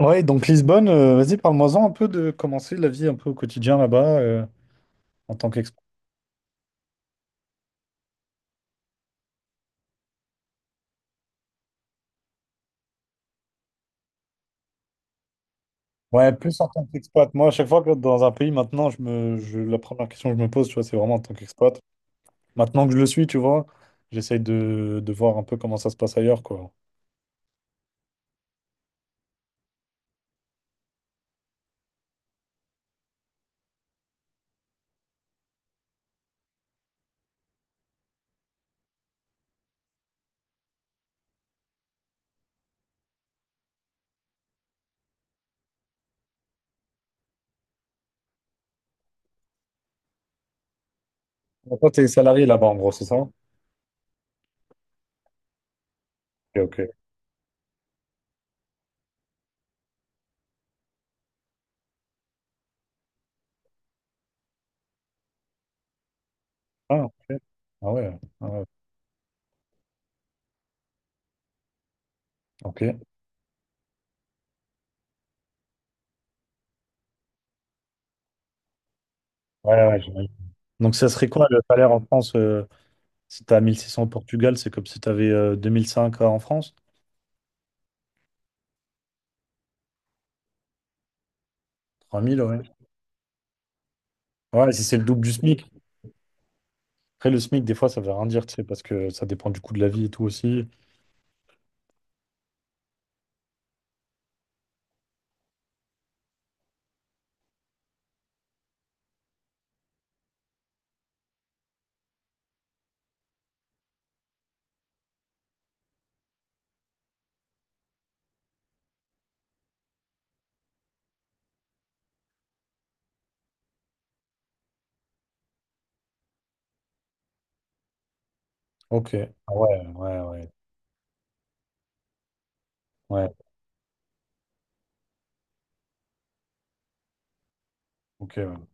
Ouais, donc Lisbonne, vas-y, parle-moi-en un peu de commencer la vie un peu au quotidien là-bas en tant qu'expat. Ouais, plus en tant qu'expat. Moi, à chaque fois que dans un pays, maintenant, la première question que je me pose, tu vois, c'est vraiment en tant qu'expat. Maintenant que je le suis, tu vois, j'essaye de voir un peu comment ça se passe ailleurs, quoi. Donc, toi, t'es salarié là-bas, en gros, c'est ça? Ok, ok. Ah, ok. Ah ouais. Ah ouais. Ok. Ouais, ouais, ouais, j'imagine. Donc, ça serait quoi le salaire en France si tu as 1600 au Portugal, c'est comme si tu avais 2005 en France? 3000 ouais. Ouais, si c'est le double du SMIC. Après, le SMIC, des fois, ça veut rien dire, tu sais, parce que ça dépend du coût de la vie et tout aussi. Ok. Ah ouais, ouais, ouais. Ouais, ok. Ouais.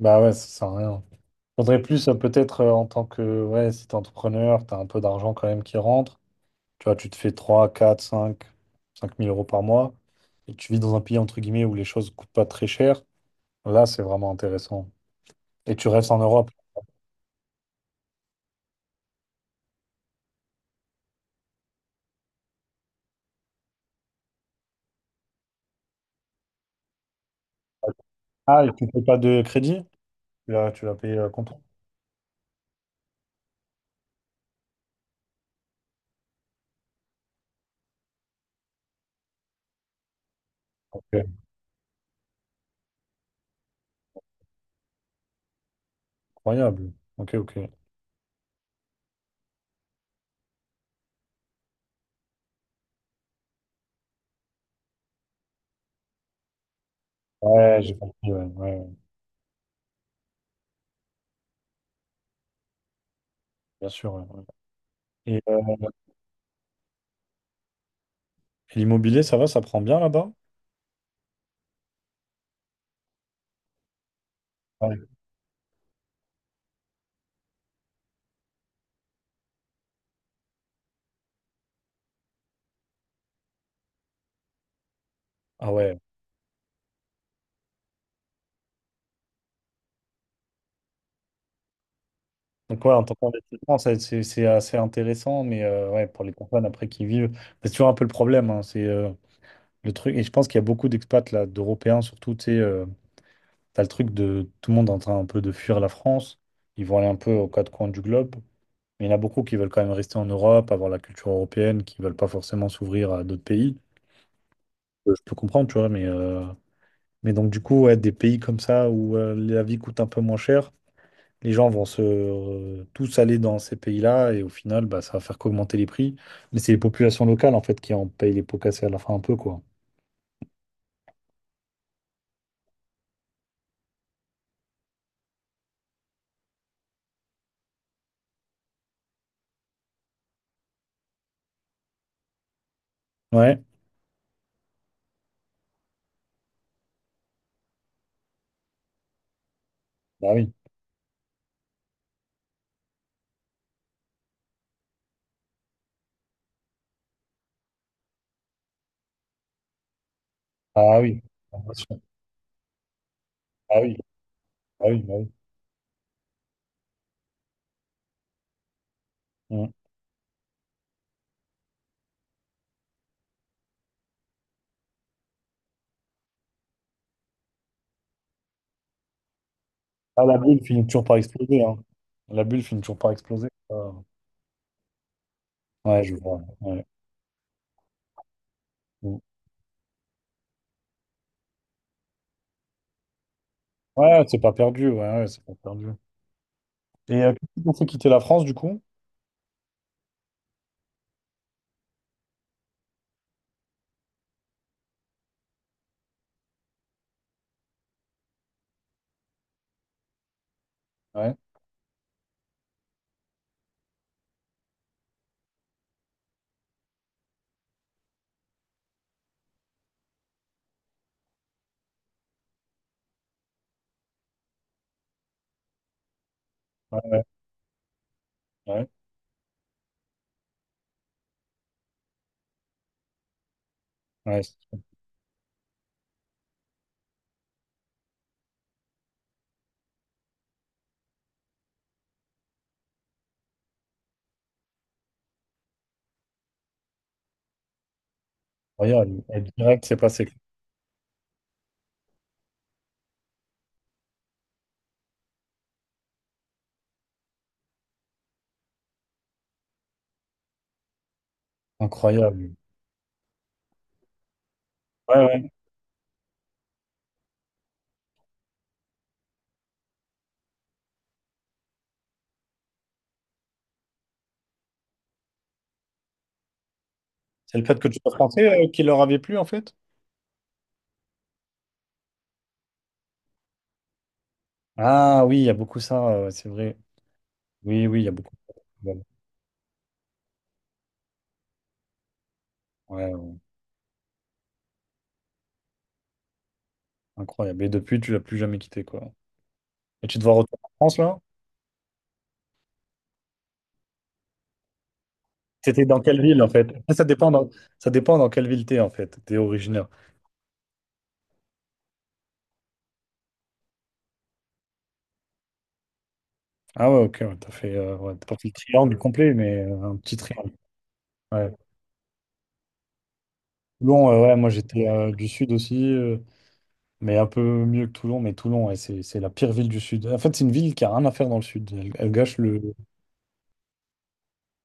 Bah ouais, ça sert à rien. Faudrait plus, peut-être, en tant que, ouais, si t'es entrepreneur, t'as un peu d'argent quand même qui rentre. Tu vois, tu te fais trois quatre cinq mille euros par mois et tu vis dans un pays, entre guillemets, où les choses coûtent pas très cher. Là, c'est vraiment intéressant. Et tu restes en Europe. Ah, et tu ne payes pas de crédit? Tu l'as payé comptant. Ok. Incroyable. Ok, ok. Ouais, j'ai compris. Ouais, ouais, ouais. Bien sûr. Ouais, ouais. Et, euh, et l'immobilier, ça va, ça prend bien là-bas? Ouais. Ah ouais. Donc ouais, en tant qu'investissement, c'est assez intéressant, mais ouais, pour les personnes après qui vivent, c'est toujours un peu le problème, hein. C'est Le truc, et je pense qu'il y a beaucoup d'expats là, d'Européens surtout, tu sais, t'as le truc de tout le monde est en train un peu de fuir la France. Ils vont aller un peu aux quatre coins du globe. Mais il y en a beaucoup qui veulent quand même rester en Europe, avoir la culture européenne, qui veulent pas forcément s'ouvrir à d'autres pays. Je peux comprendre, tu vois, mais donc du coup, ouais, des pays comme ça où la vie coûte un peu moins cher, les gens vont se tous aller dans ces pays-là et au final, bah, ça va faire qu'augmenter les prix. Mais c'est les populations locales en fait qui en payent les pots cassés à la fin un peu, quoi. Ouais, bah oui. Ah oui. Ah oui, ah oui, bah oui. Mm. Ah, la bulle finit toujours par exploser, hein. La bulle finit toujours par exploser. Ça. Ouais, je vois. Ouais. Mm. Ouais, c'est pas perdu, ouais, ouais, c'est pas perdu. Et qu'est-ce qui vous fait quitter la France, du coup? Ouais, ouais, ouais, ouais, ouais, c'est incroyable. Et direct, c'est passé. Incroyable. Ouais, ouais. C'est le fait que tu sois français qui leur avait plu, en fait? Ah oui, il y a beaucoup ça, c'est vrai. Oui, oui, il y a beaucoup. Ouais, ouais, incroyable. Et depuis, tu l'as plus jamais quitté, quoi. Et tu te vois retourner en France, là? C'était dans quelle ville en fait? Ah, ça dépend dans, ça dépend dans quelle ville t'es en fait, t'es originaire. Ah ouais, ok, ouais, t'as fait, ouais, t'as pas fait le triangle complet, mais un petit triangle. Ouais. Toulon, ouais, moi j'étais du sud aussi, mais un peu mieux que Toulon, mais Toulon, ouais, c'est la pire ville du sud. En fait, c'est une ville qui a rien à faire dans le sud. Elle, elle gâche le. C'est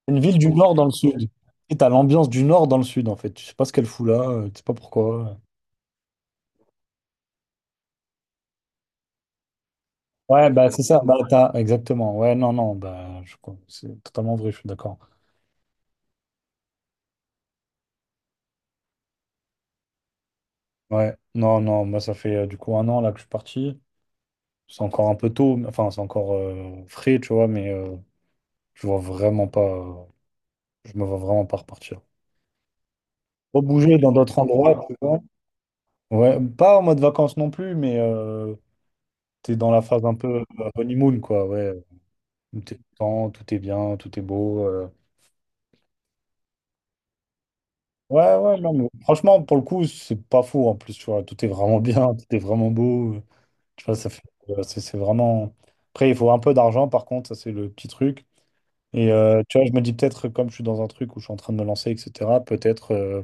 Une ville du nord dans le sud. Et t'as l'ambiance du nord dans le sud en fait. Tu sais pas ce qu'elle fout là, tu sais pas pourquoi. Ouais, bah c'est ça, bah t'as exactement. Ouais, non, non, bah je c'est totalement vrai, je suis d'accord. Ouais, non, non, moi ça fait du coup un an là que je suis parti. C'est encore un peu tôt, enfin c'est encore frais, tu vois, mais je vois vraiment pas, je me vois vraiment pas repartir. Faut bouger dans d'autres endroits, tu vois. Ouais, pas en mode vacances non plus, mais t'es dans la phase un peu honeymoon, quoi, ouais. Où t'es content, tout est bien, tout est beau. Ouais, ouais, non, mais franchement, pour le coup, c'est pas fou en plus, tu vois. Tout est vraiment bien, tout est vraiment beau. Tu vois, ça fait, c'est vraiment. Après, il faut un peu d'argent, par contre, ça c'est le petit truc. Et tu vois, je me dis peut-être, comme je suis dans un truc où je suis en train de me lancer, etc., peut-être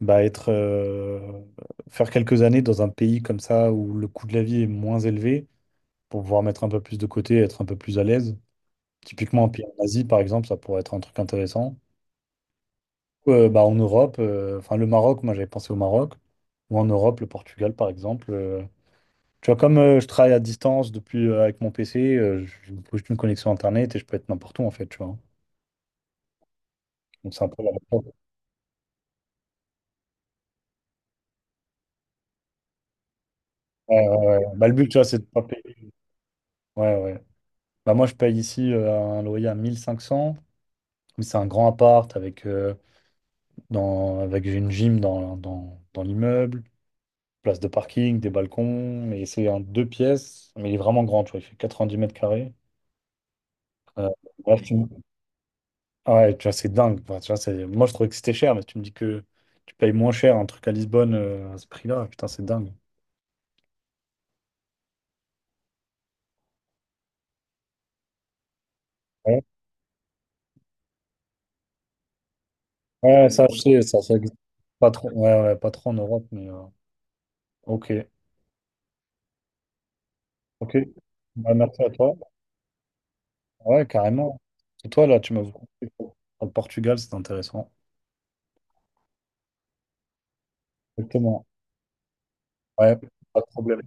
bah, être, faire quelques années dans un pays comme ça où le coût de la vie est moins élevé pour pouvoir mettre un peu plus de côté, être un peu plus à l'aise. Typiquement, un pays en Asie, par exemple, ça pourrait être un truc intéressant. Bah, en Europe, enfin le Maroc, moi j'avais pensé au Maroc, ou en Europe, le Portugal, par exemple. Tu vois, comme je travaille à distance depuis avec mon PC, je me pose une connexion Internet et je peux être n'importe où, en fait, tu vois. Donc c'est un peu la. Ouais, ouais, ouais. Bah, le but, tu vois, c'est de pas payer. Ouais, ouais. Bah, moi, je paye ici un loyer à 1500. Mais c'est un grand appart avec, avec j'ai une gym dans l'immeuble, place de parking, des balcons. Mais c'est un deux pièces. Mais il est vraiment grand, tu vois. Il fait 90 m². Euh, là, tu... Ouais, tu vois, c'est dingue, quoi. Tu vois, c'est... Moi, je trouvais que c'était cher, mais tu me dis que tu payes moins cher un truc à Lisbonne à ce prix-là. Putain, c'est dingue. Ouais, ouais, ça, je sais, ça existe pas trop. Ouais, ouais, pas trop en Europe, mais ok. Ok. Bah, merci à toi. Ouais, carrément. Et toi, là, tu m'as conseillé pour le Portugal, c'est intéressant. Exactement. Ouais, pas de problème.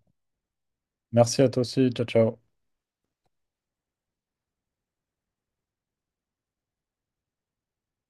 Merci à toi aussi. Ciao, ciao.